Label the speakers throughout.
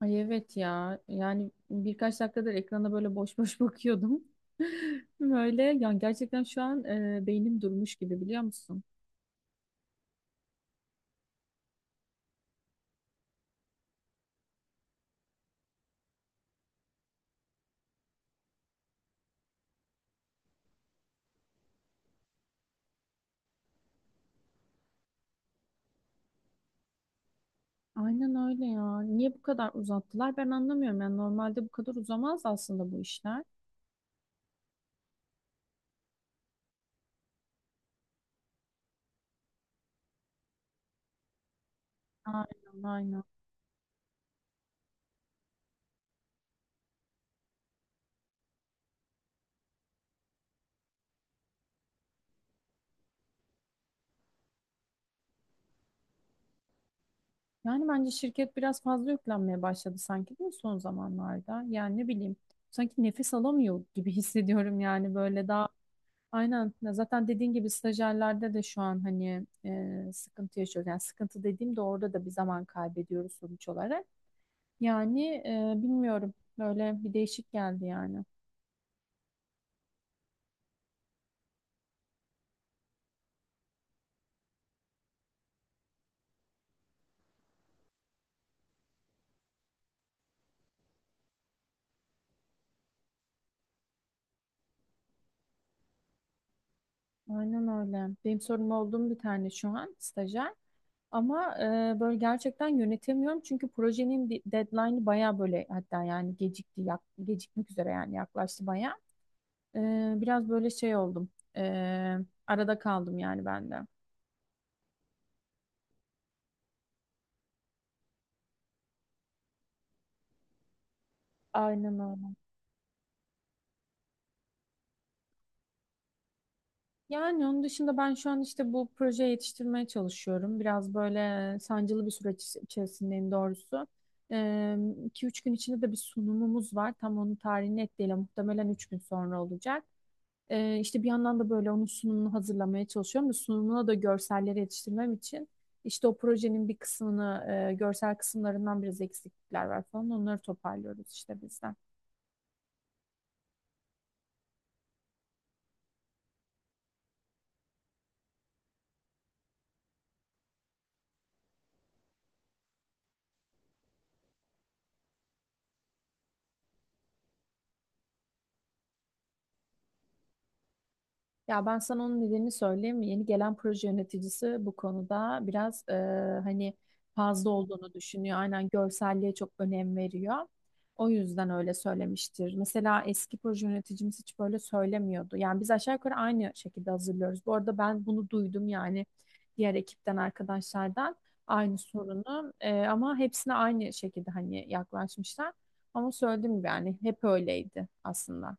Speaker 1: Ay evet ya. Yani birkaç dakikadır ekrana böyle boş boş bakıyordum. Böyle yani gerçekten şu an beynim durmuş gibi biliyor musun? Aynen öyle ya. Niye bu kadar uzattılar? Ben anlamıyorum. Yani normalde bu kadar uzamaz aslında bu işler. Aynen aynen. Yani bence şirket biraz fazla yüklenmeye başladı sanki değil mi son zamanlarda? Yani ne bileyim. Sanki nefes alamıyor gibi hissediyorum yani böyle daha. Aynen. Ya zaten dediğin gibi stajyerlerde de şu an hani sıkıntı yaşıyoruz. Yani sıkıntı dediğim de orada da bir zaman kaybediyoruz sonuç olarak. Yani bilmiyorum. Böyle bir değişik geldi yani. Aynen öyle. Benim sorum olduğum bir tane şu an stajyer. Ama böyle gerçekten yönetemiyorum çünkü projenin deadline'ı baya böyle hatta yani gecikmek üzere yani yaklaştı baya. E, Biraz böyle şey oldum. E, Arada kaldım yani ben de. Aynen öyle. Yani onun dışında ben şu an işte bu projeye yetiştirmeye çalışıyorum. Biraz böyle sancılı bir süreç içerisindeyim doğrusu. Ee, 2-3 gün içinde de bir sunumumuz var. Tam onun tarihini net değil ama muhtemelen 3 gün sonra olacak. İşte bir yandan da böyle onun sunumunu hazırlamaya çalışıyorum. Ve sunumuna da görselleri yetiştirmem için işte o projenin bir kısmını, görsel kısımlarından biraz eksiklikler var falan. Onları toparlıyoruz işte bizden. Ya ben sana onun nedenini söyleyeyim mi? Yeni gelen proje yöneticisi bu konuda biraz hani fazla olduğunu düşünüyor. Aynen görselliğe çok önem veriyor. O yüzden öyle söylemiştir. Mesela eski proje yöneticimiz hiç böyle söylemiyordu. Yani biz aşağı yukarı aynı şekilde hazırlıyoruz. Bu arada ben bunu duydum yani diğer ekipten arkadaşlardan aynı sorunu. E, ama hepsine aynı şekilde hani yaklaşmışlar. Ama söylediğim gibi yani hep öyleydi aslında.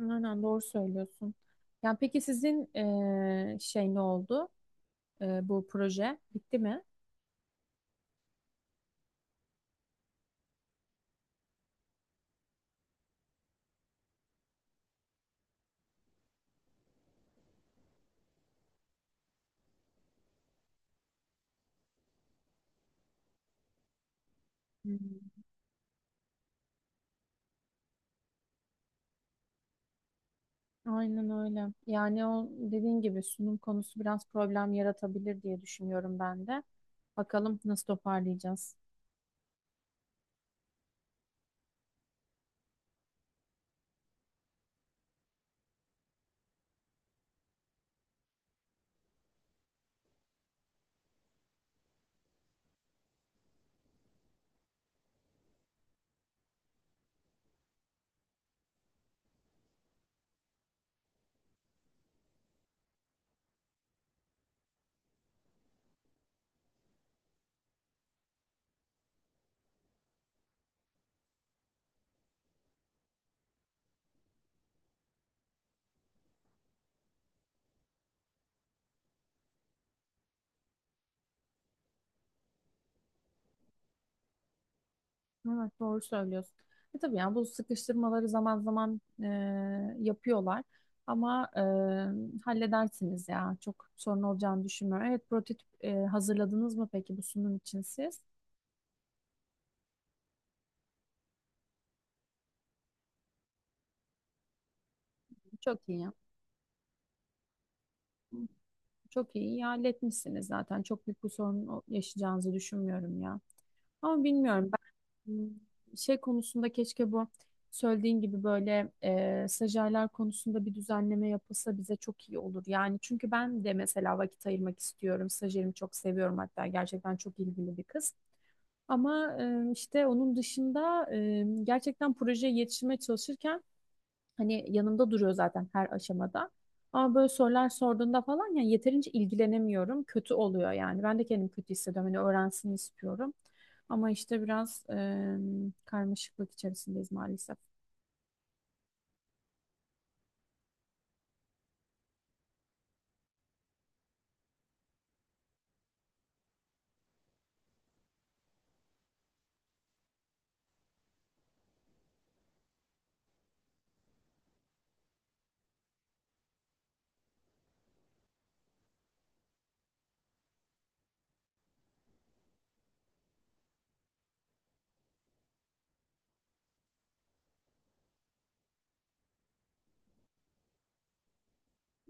Speaker 1: Aynen doğru söylüyorsun. Yani peki sizin şey ne oldu? Bu proje bitti mi? Hmm. Aynen öyle. Yani o dediğin gibi sunum konusu biraz problem yaratabilir diye düşünüyorum ben de. Bakalım nasıl toparlayacağız. Evet doğru söylüyorsun. E tabii yani bu sıkıştırmaları zaman zaman yapıyorlar. Ama halledersiniz ya. Çok sorun olacağını düşünmüyorum. Evet prototip hazırladınız mı peki bu sunum için siz? Çok iyi. Çok iyi, iyi halletmişsiniz zaten. Çok büyük bir sorun yaşayacağınızı düşünmüyorum ya. Ama bilmiyorum. Hmm. Şey konusunda keşke bu söylediğin gibi böyle stajyerler konusunda bir düzenleme yapılsa bize çok iyi olur. Yani çünkü ben de mesela vakit ayırmak istiyorum. Stajyerimi çok seviyorum hatta gerçekten çok ilgili bir kız. Ama işte onun dışında gerçekten projeye yetişmeye çalışırken hani yanımda duruyor zaten her aşamada. Ama böyle sorular sorduğunda falan yani yeterince ilgilenemiyorum. Kötü oluyor yani. Ben de kendimi kötü hissediyorum. Hani öğrensin istiyorum. Ama işte biraz karmaşıklık içerisindeyiz maalesef.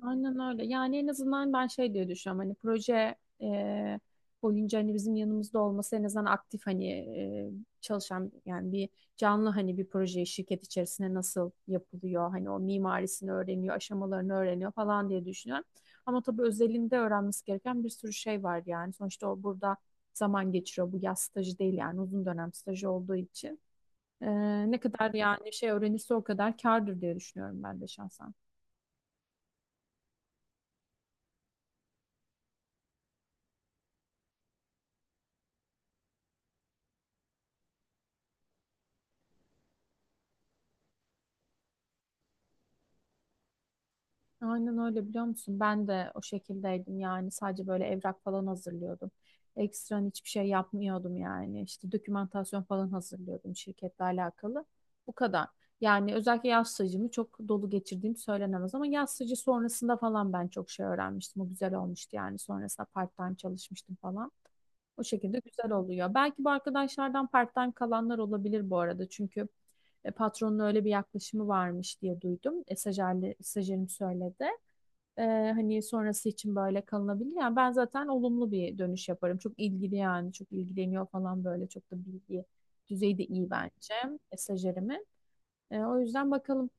Speaker 1: Aynen öyle. Yani en azından ben şey diye düşünüyorum hani proje e, boyunca hani bizim yanımızda olması en azından aktif hani çalışan yani bir canlı hani bir proje şirket içerisinde nasıl yapılıyor hani o mimarisini öğreniyor aşamalarını öğreniyor falan diye düşünüyorum. Ama tabii özelinde öğrenmesi gereken bir sürü şey var yani sonuçta o burada zaman geçiriyor bu yaz stajı değil yani uzun dönem stajı olduğu için. E, Ne kadar yani şey öğrenirse o kadar kârdır diye düşünüyorum ben de şahsen. Aynen öyle biliyor musun? Ben de o şekildeydim yani sadece böyle evrak falan hazırlıyordum. Ekstran hiçbir şey yapmıyordum yani. İşte dokümantasyon falan hazırlıyordum şirketle alakalı. Bu kadar. Yani özellikle yaz stajımı çok dolu geçirdiğim söylenemez ama yaz stajı sonrasında falan ben çok şey öğrenmiştim. O güzel olmuştu yani sonrasında part-time çalışmıştım falan. O şekilde güzel oluyor. Belki bu arkadaşlardan part-time kalanlar olabilir bu arada. Çünkü patronun öyle bir yaklaşımı varmış diye duydum. E, stajyerim söyledi. Ee, hani sonrası için böyle kalınabilir. Yani ben zaten olumlu bir dönüş yaparım. Çok ilgili yani çok ilgileniyor falan böyle çok da bilgi düzeyi de iyi bence stajyerimin. O yüzden bakalım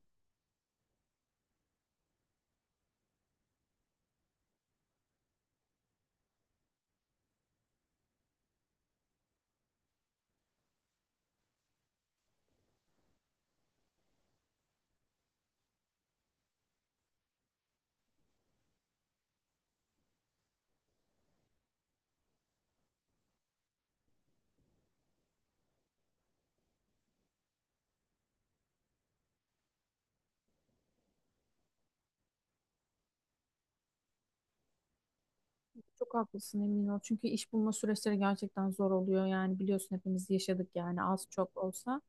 Speaker 1: çok haklısın emin ol. Çünkü iş bulma süreçleri gerçekten zor oluyor. Yani biliyorsun hepimiz yaşadık yani az çok olsa.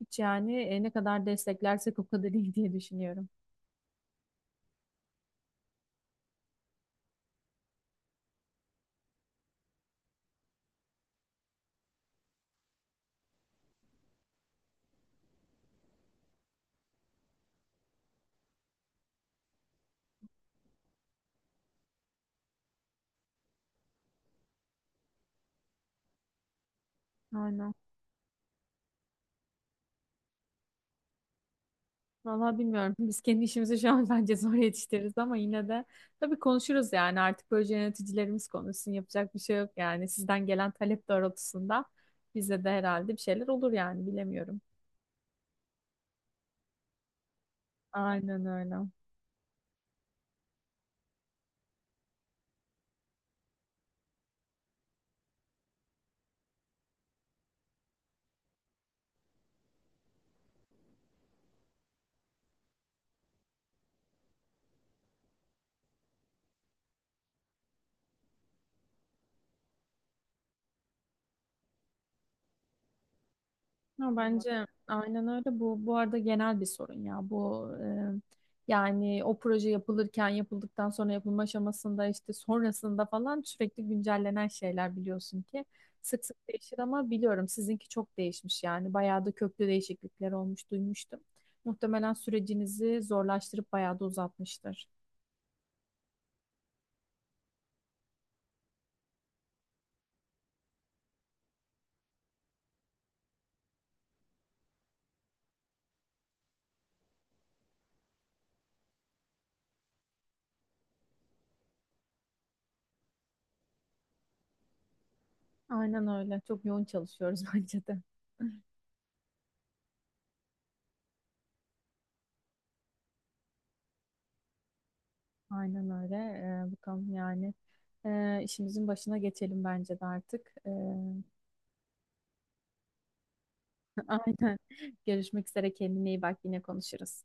Speaker 1: Hiç yani ne kadar desteklersek o kadar iyi diye düşünüyorum. Aynen. Vallahi bilmiyorum. Biz kendi işimizi şu an bence zor yetiştiririz ama yine de tabii konuşuruz yani. Artık böyle yöneticilerimiz konuşsun. Yapacak bir şey yok yani. Sizden gelen talep doğrultusunda bize de herhalde bir şeyler olur yani. Bilemiyorum. Aynen öyle. Ya bence aynen öyle. Bu arada genel bir sorun ya. Bu yani o proje yapılırken, yapıldıktan sonra yapılma aşamasında işte sonrasında falan sürekli güncellenen şeyler biliyorsun ki sık sık değişir ama biliyorum sizinki çok değişmiş yani. Bayağı da köklü değişiklikler olmuş duymuştum. Muhtemelen sürecinizi zorlaştırıp bayağı da uzatmıştır. Aynen öyle. Çok yoğun çalışıyoruz bence de. Aynen öyle. Bakalım yani işimizin başına geçelim bence de artık. Aynen. Görüşmek üzere. Kendine iyi bak. Yine konuşuruz.